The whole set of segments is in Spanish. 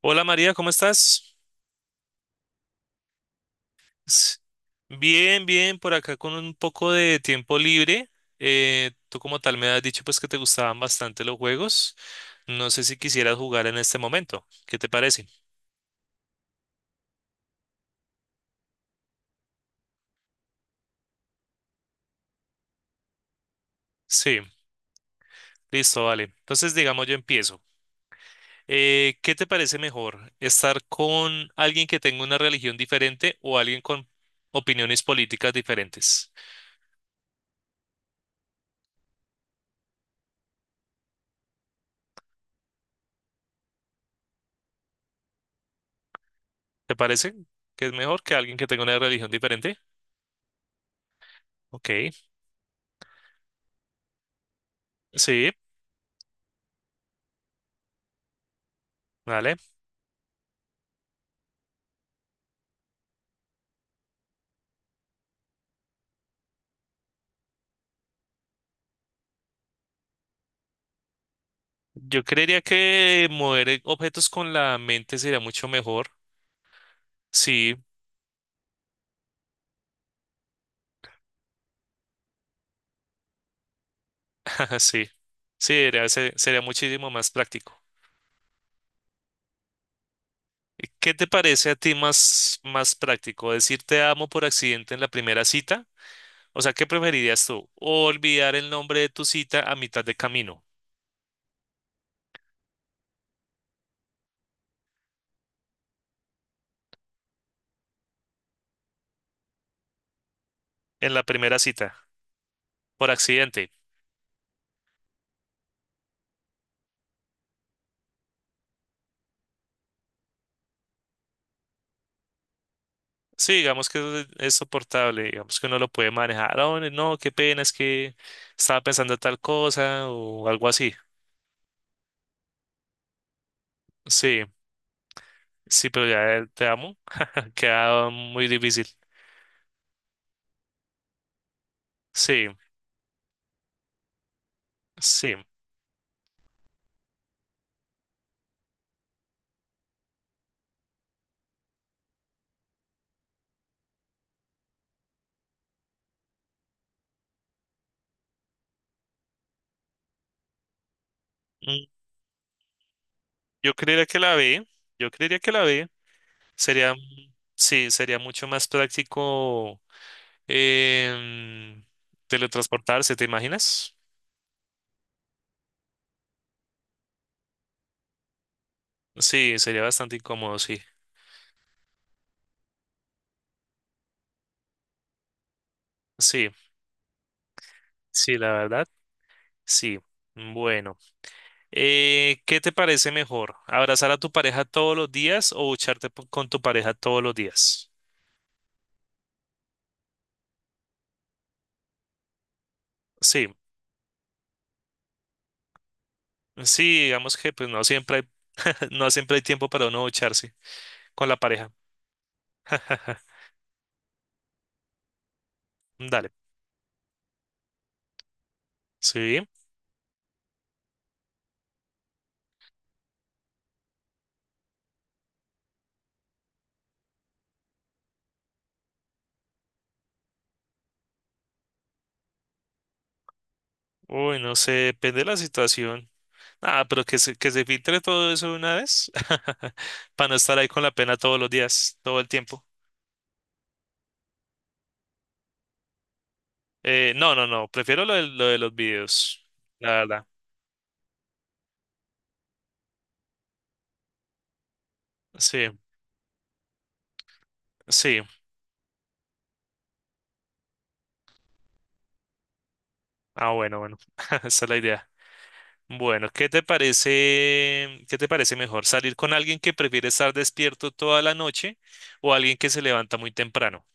Hola María, ¿cómo estás? S- Bien, bien, por acá con un poco de tiempo libre. Tú como tal me has dicho pues que te gustaban bastante los juegos. No sé si quisieras jugar en este momento. ¿Qué te parece? Sí, listo, vale. Entonces digamos yo empiezo. ¿Qué te parece mejor? ¿Estar con alguien que tenga una religión diferente o alguien con opiniones políticas diferentes? ¿Te parece que es mejor que alguien que tenga una religión diferente? Ok, sí, vale. Yo creería que mover objetos con la mente sería mucho mejor. Sí, sí, sí, sería, sería muchísimo más práctico. ¿Qué te parece a ti más, más práctico? ¿Decir te amo por accidente en la primera cita? O sea, ¿qué preferirías tú? ¿O olvidar el nombre de tu cita a mitad de camino en la primera cita por accidente? Sí, digamos que eso es soportable, digamos que uno lo puede manejar. "Ah, no, no, qué pena, es que estaba pensando tal cosa o algo así." Sí. Sí, pero ya el te amo. Queda muy difícil. Sí, sí. Mm, Yo creería que la B. Yo creería que la B. Sería, sí, sería mucho más práctico, em, teletransportarse, ¿te imaginas? Sí, sería bastante incómodo, sí. Sí, sí, la verdad, sí. Bueno, ¿qué te parece mejor? ¿Abrazar a tu pareja todos los días o bucharte con tu pareja todos los días? Sí. Sí, digamos que pues no siempre hay, no siempre hay tiempo para uno echarse con la pareja. Dale. Sí. Uy, no sé, depende de la situación. Ah, pero que se filtre todo eso de una vez para no estar ahí con la pena todos los días, todo el tiempo. No, no, no, prefiero lo de los videos, la verdad. Sí, sí. Ah, bueno, bueno, esa es la idea. Bueno, ¿qué te parece mejor? ¿Salir con alguien que prefiere estar despierto toda la noche o alguien que se levanta muy temprano?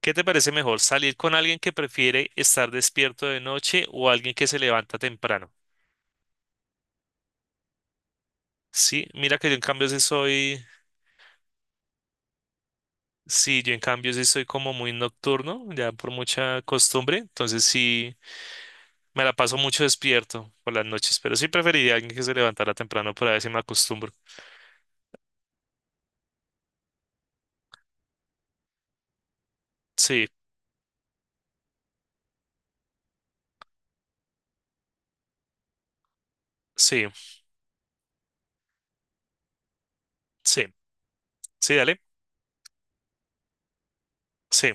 ¿Qué te parece mejor? ¿Salir con alguien que prefiere estar despierto de noche o alguien que se levanta temprano? Sí, mira que yo en cambio sí soy, sí, yo en cambio sí soy como muy nocturno, ya por mucha costumbre, entonces sí me la paso mucho despierto por las noches, pero sí preferiría alguien que se levantara temprano para ver si me acostumbro. Sí, sí, sí, sí, dale. Sí.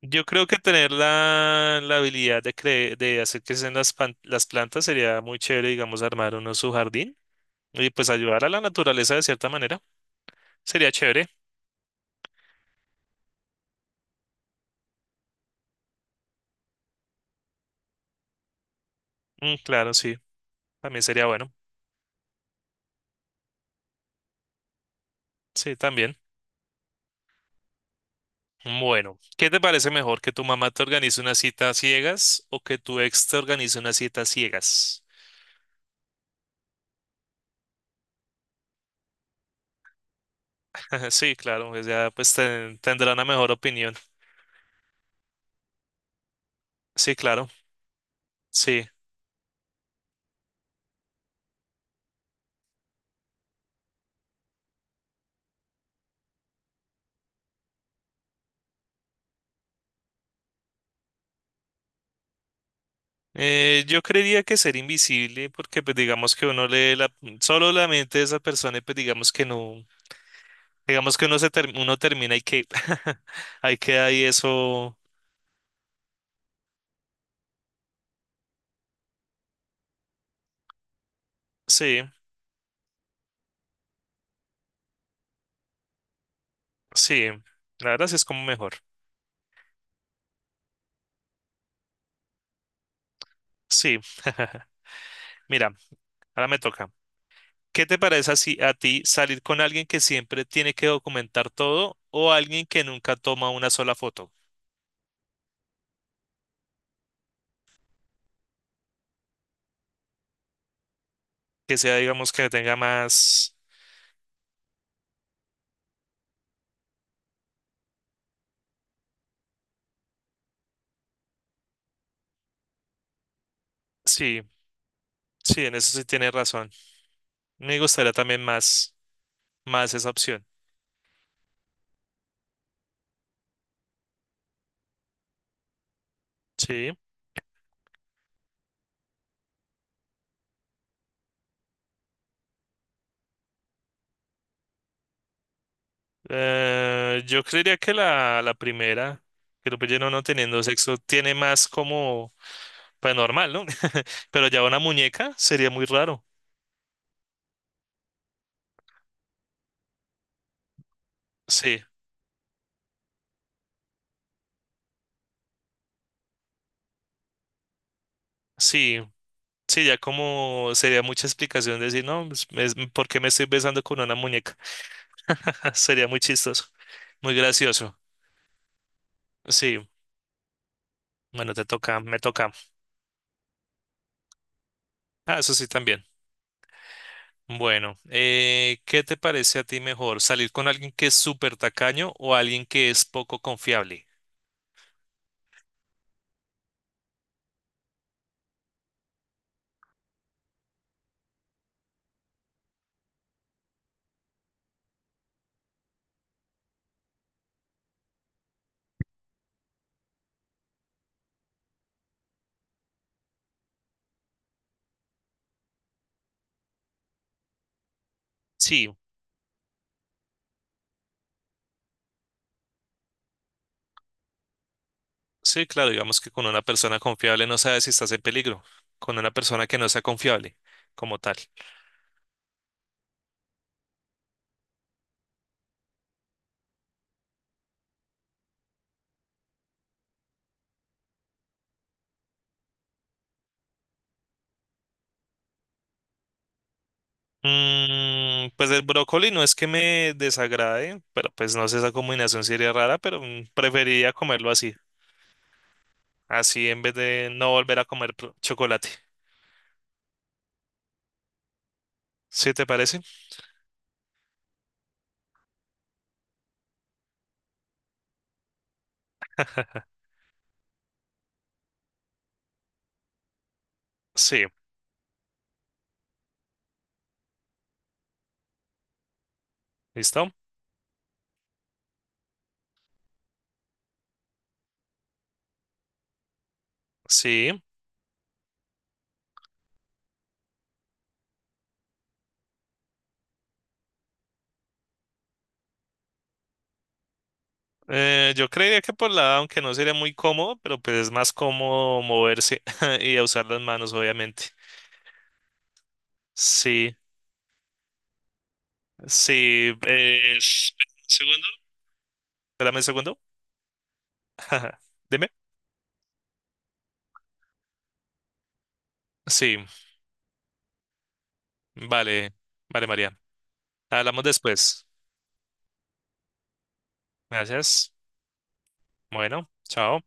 Yo creo que tener la habilidad de, de hacer crecer las, las plantas sería muy chévere, digamos, armar uno su jardín y pues ayudar a la naturaleza de cierta manera. Sería chévere. Claro, sí. También sería bueno. Sí, también. Bueno, ¿qué te parece mejor? ¿Que tu mamá te organice una cita a ciegas o que tu ex te organice una cita a ciegas? Sí, claro, pues ya pues tendrá una mejor opinión. Sí, claro. Sí. Yo creería que ser invisible, porque pues digamos que uno lee la, solo la mente de esa persona y pues digamos que no, digamos que uno uno termina y que ahí queda ahí eso. Sí, sí, la verdad sí es como mejor. Sí. Mira, ahora me toca. ¿Qué te parece así a ti salir con alguien que siempre tiene que documentar todo o alguien que nunca toma una sola foto? Que sea, digamos, que tenga más. Sí, sí, en eso sí tienes razón. Me gustaría también más, más esa opción. Sí, yo creería que la primera, que lo no teniendo sexo, tiene más como paranormal, ¿no? Pero ya una muñeca sería muy raro. Sí, sí, sí, ya como sería mucha explicación decir, no, pues, me- ¿por qué me estoy besando con una muñeca? Sería muy chistoso, muy gracioso. Sí, bueno, te toca, me toca. Ah, eso sí también. Bueno, ¿qué te parece a ti mejor? ¿Salir con alguien que es súper tacaño o alguien que es poco confiable? Sí, sí, claro, digamos que con una persona confiable no sabes si estás en peligro, con una persona que no sea confiable como tal. Pues el brócoli no es que me desagrade, pero pues no sé, esa combinación sería rara, pero preferiría comerlo así, así en vez de no volver a comer chocolate. ¿Sí te parece? Sí, ¿listo? Sí. Yo creería que por la edad, aunque no sería muy cómodo, pero pues es más cómodo moverse y usar las manos, obviamente. Sí, sí. Segundo, espérame un segundo. Dime. Sí, vale, vale, María. Hablamos después. Gracias. Bueno, chao.